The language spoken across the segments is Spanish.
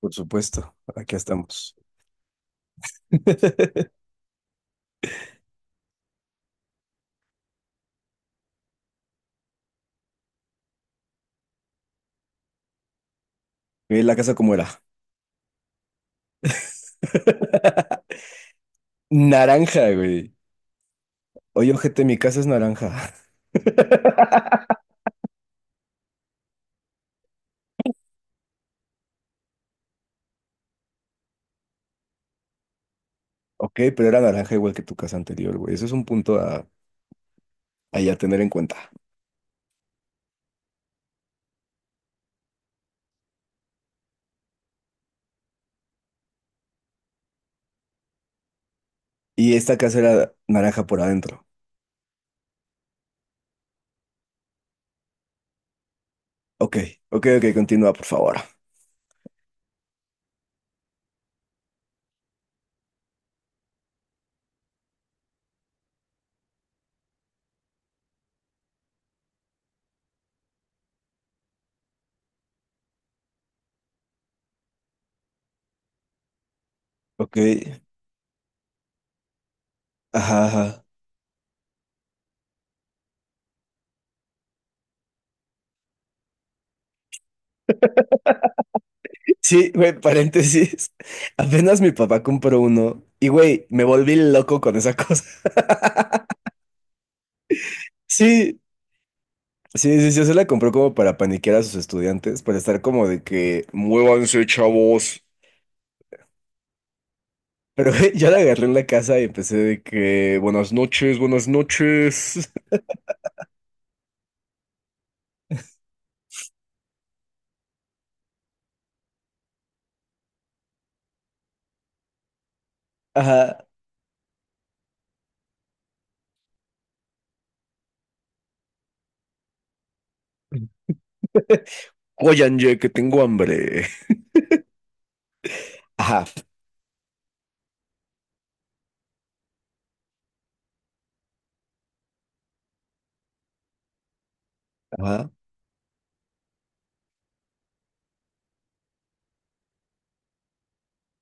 Por supuesto, aquí estamos. Ve la casa como era. Naranja, güey. Oye, ojete, mi casa es naranja. Ok, pero era naranja igual que tu casa anterior, güey. Eso es un punto a ya tener en cuenta. Y esta casa era naranja por adentro. Ok, ok, ok, continúa, por favor. Ok, ajá, ajá. Sí, güey, paréntesis. Apenas mi papá compró uno y, güey, me volví loco con esa cosa. Sí, sí, sí, sí, se la compró como para paniquear a sus estudiantes, para estar como de que, muévanse, chavos. Pero güey, yo la agarré en la casa y empecé de que, buenas noches, buenas noches. Ajá. Oigan, ye, que tengo hambre. Ajá, ajá,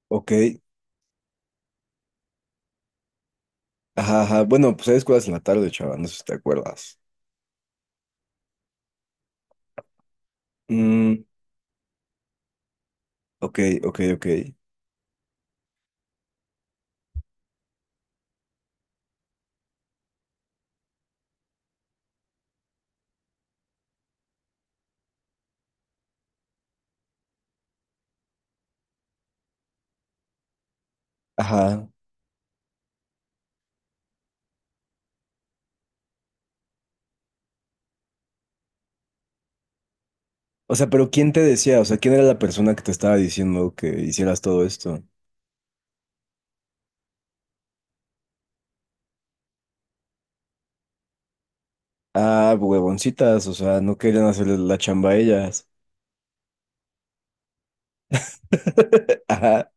ok. Ajá, ajá. Bueno, pues hay escuelas en la tarde, chaval, no sé si te acuerdas. Mm, ok, ok, ok. Ajá. O sea, pero ¿quién te decía? O sea, ¿quién era la persona que te estaba diciendo que hicieras todo esto? Ah, huevoncitas, o sea, no querían hacerle la chamba a ellas. Ajá,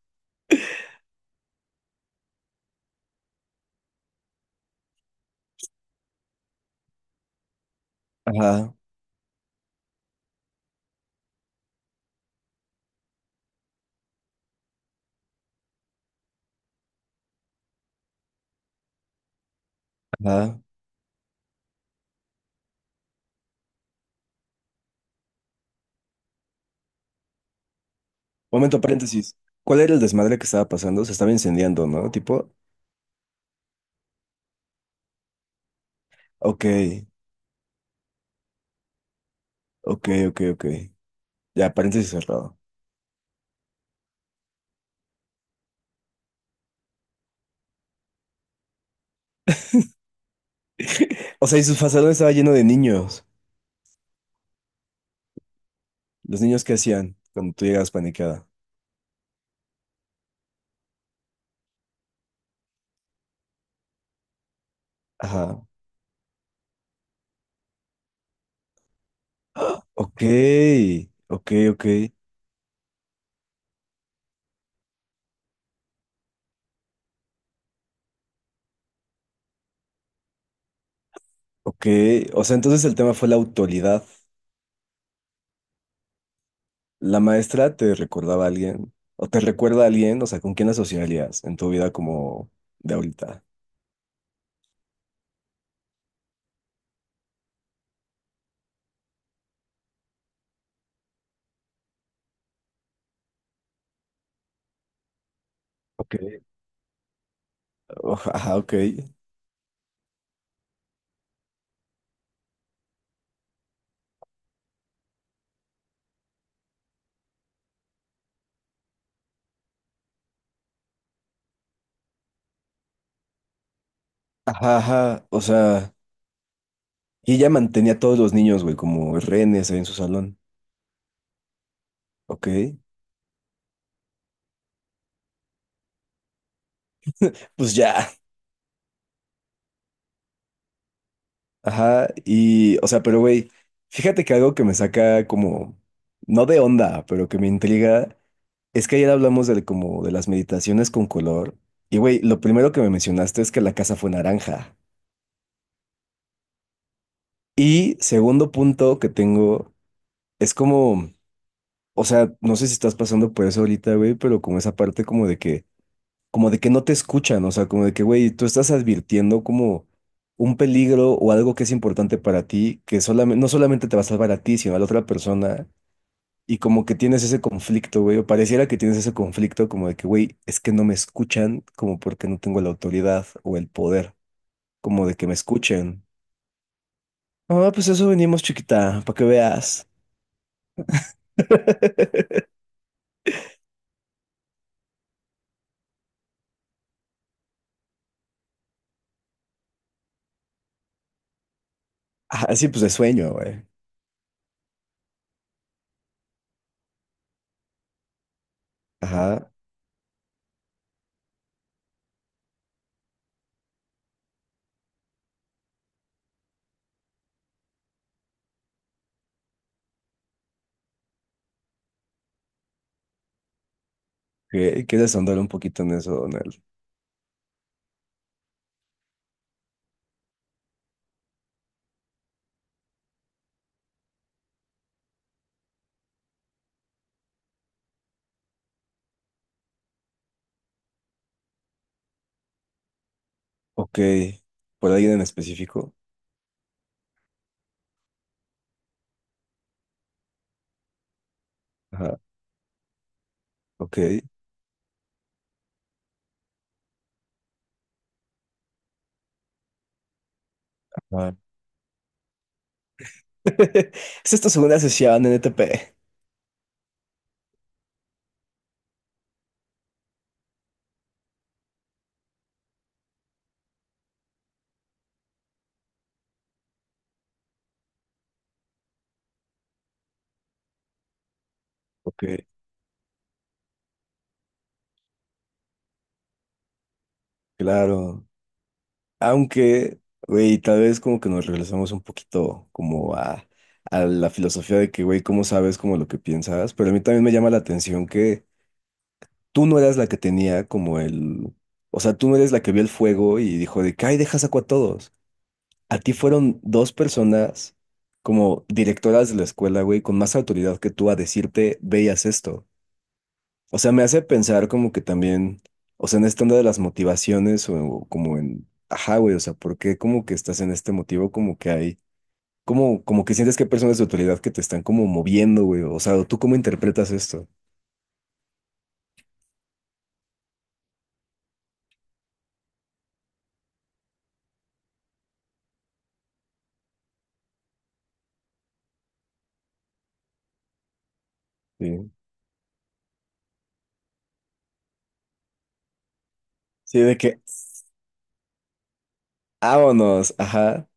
ajá, ajá. Momento, paréntesis. ¿Cuál era el desmadre que estaba pasando? Se estaba incendiando, ¿no? Tipo, ok, ok, ok, ok. Ya, paréntesis cerrado. O sea, y su fazadón estaba lleno de niños. Los niños qué hacían cuando tú llegabas paniqueada. Ajá. ¡Ah! Ok, ok, ok, ok. O sea, entonces el tema fue la autoridad. ¿La maestra te recordaba a alguien? ¿O te recuerda a alguien? O sea, ¿con quién la asociarías en tu vida como de ahorita? Ok. Ajá, ok. Ajá, ajá. O sea, y ella mantenía a todos los niños, güey, como rehenes ahí en su salón. Ok. Pues ya. Ajá. Y, o sea, pero güey, fíjate que algo que me saca como, no de onda, pero que me intriga, es que ayer hablamos de como de las meditaciones con color. Y güey, lo primero que me mencionaste es que la casa fue naranja. Y segundo punto que tengo es como, o sea, no sé si estás pasando por eso ahorita, güey, pero como esa parte como de que no te escuchan, o sea, como de que, güey, tú estás advirtiendo como un peligro o algo que es importante para ti, que solamente, no solamente te va a salvar a ti, sino a la otra persona, y como que tienes ese conflicto, güey, o pareciera que tienes ese conflicto como de que, güey, es que no me escuchan, como porque no tengo la autoridad o el poder, como de que me escuchen. Ah, pues eso venimos, chiquita, para que veas. Ajá, sí, pues de sueño, güey. Ajá. ¿Quieres ahondar un poquito en eso, Donald? Ok. ¿Por alguien en específico? Ajá. Ok. Ajá. Es esta segunda sesión en ETP. Ok. Claro. Aunque, güey, tal vez como que nos regresamos un poquito como a la filosofía de que, güey, ¿cómo sabes como lo que piensas? Pero a mí también me llama la atención que tú no eras la que tenía como el... O sea, tú no eres la que vio el fuego y dijo de que, ay, deja saco a todos. A ti fueron dos personas como directoras de la escuela, güey, con más autoridad que tú a decirte, veías esto. O sea, me hace pensar como que también, o sea, en esta onda de las motivaciones o como en, ajá, güey, o sea, ¿por qué como que estás en este motivo? Como que hay, como, como que sientes que hay personas de autoridad que te están como moviendo, güey, o sea, ¿tú cómo interpretas esto? Sí, sí, de que, vámonos, ajá,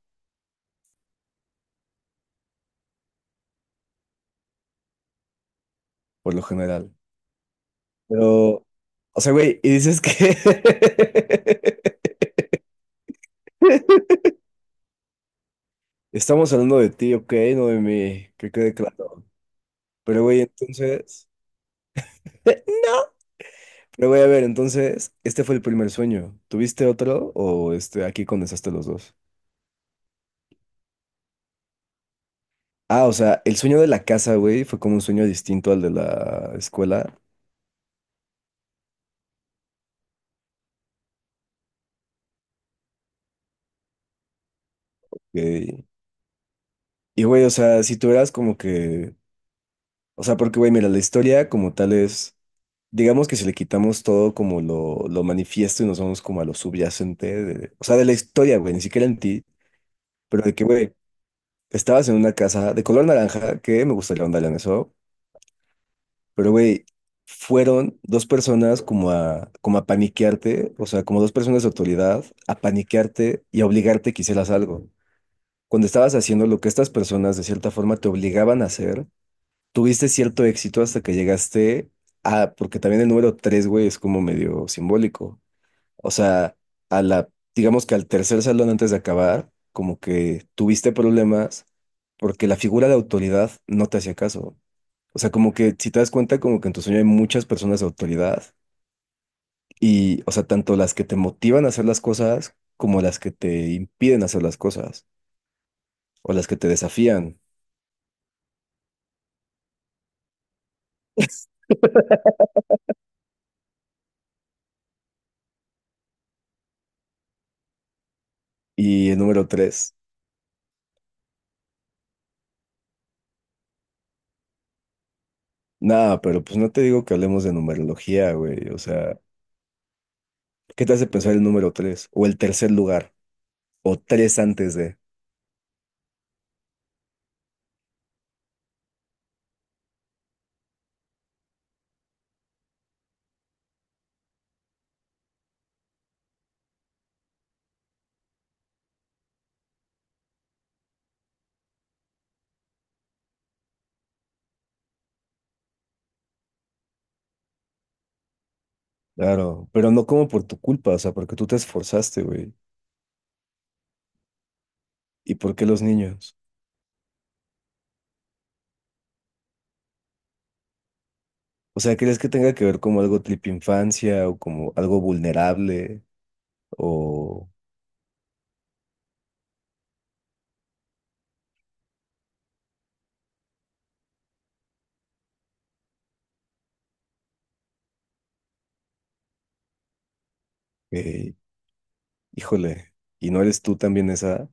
por lo general. Pero, o sea, güey, y dices que... Estamos hablando de ti, ok, no de mí, que quede claro. Pero güey, entonces... no. Pero voy a ver, entonces, este fue el primer sueño. ¿Tuviste otro o este, aquí condensaste los dos? Ah, o sea, el sueño de la casa, güey, fue como un sueño distinto al de la escuela. Ok. Y güey, o sea, si tú eras como que... O sea, porque güey, mira, la historia como tal es... Digamos que si le quitamos todo como lo manifiesto y nos vamos como a lo subyacente de- o sea, de la historia, güey, ni siquiera en ti, pero de que, güey, estabas en una casa de color naranja, que me gustaría ahondar en eso, pero güey, fueron dos personas como a, como a paniquearte, o sea, como dos personas de autoridad, a paniquearte y a obligarte que hicieras algo. Cuando estabas haciendo lo que estas personas de cierta forma te obligaban a hacer, tuviste cierto éxito hasta que llegaste a, porque también el número tres, güey, es como medio simbólico. O sea, a la, digamos que al tercer salón antes de acabar, como que tuviste problemas porque la figura de autoridad no te hacía caso. O sea, como que si te das cuenta, como que en tu sueño hay muchas personas de autoridad y, o sea, tanto las que te motivan a hacer las cosas como las que te impiden hacer las cosas o las que te desafían. Y el número tres, nada, pero pues no te digo que hablemos de numerología, güey. O sea, ¿qué te hace pensar el número tres o el tercer lugar o tres antes? Claro, pero no como por tu culpa, o sea, porque tú te esforzaste, güey. ¿Y por qué los niños? O sea, ¿crees que tenga que ver como algo tipo infancia o como algo vulnerable o, eh, híjole, y no eres tú también esa,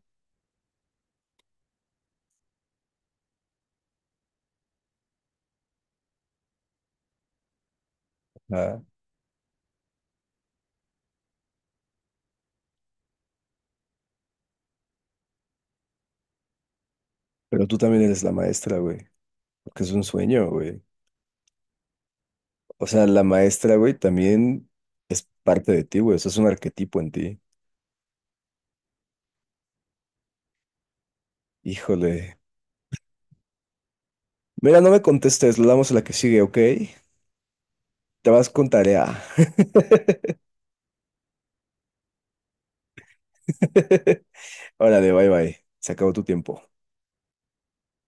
ah, pero tú también eres la maestra, güey, porque es un sueño, güey. O sea, la maestra, güey, también es parte de ti, güey, eso es un arquetipo en ti. Híjole. Mira, no me contestes, lo damos a la que sigue, ¿ok? Te vas con tarea. Órale, bye bye. Se acabó tu tiempo.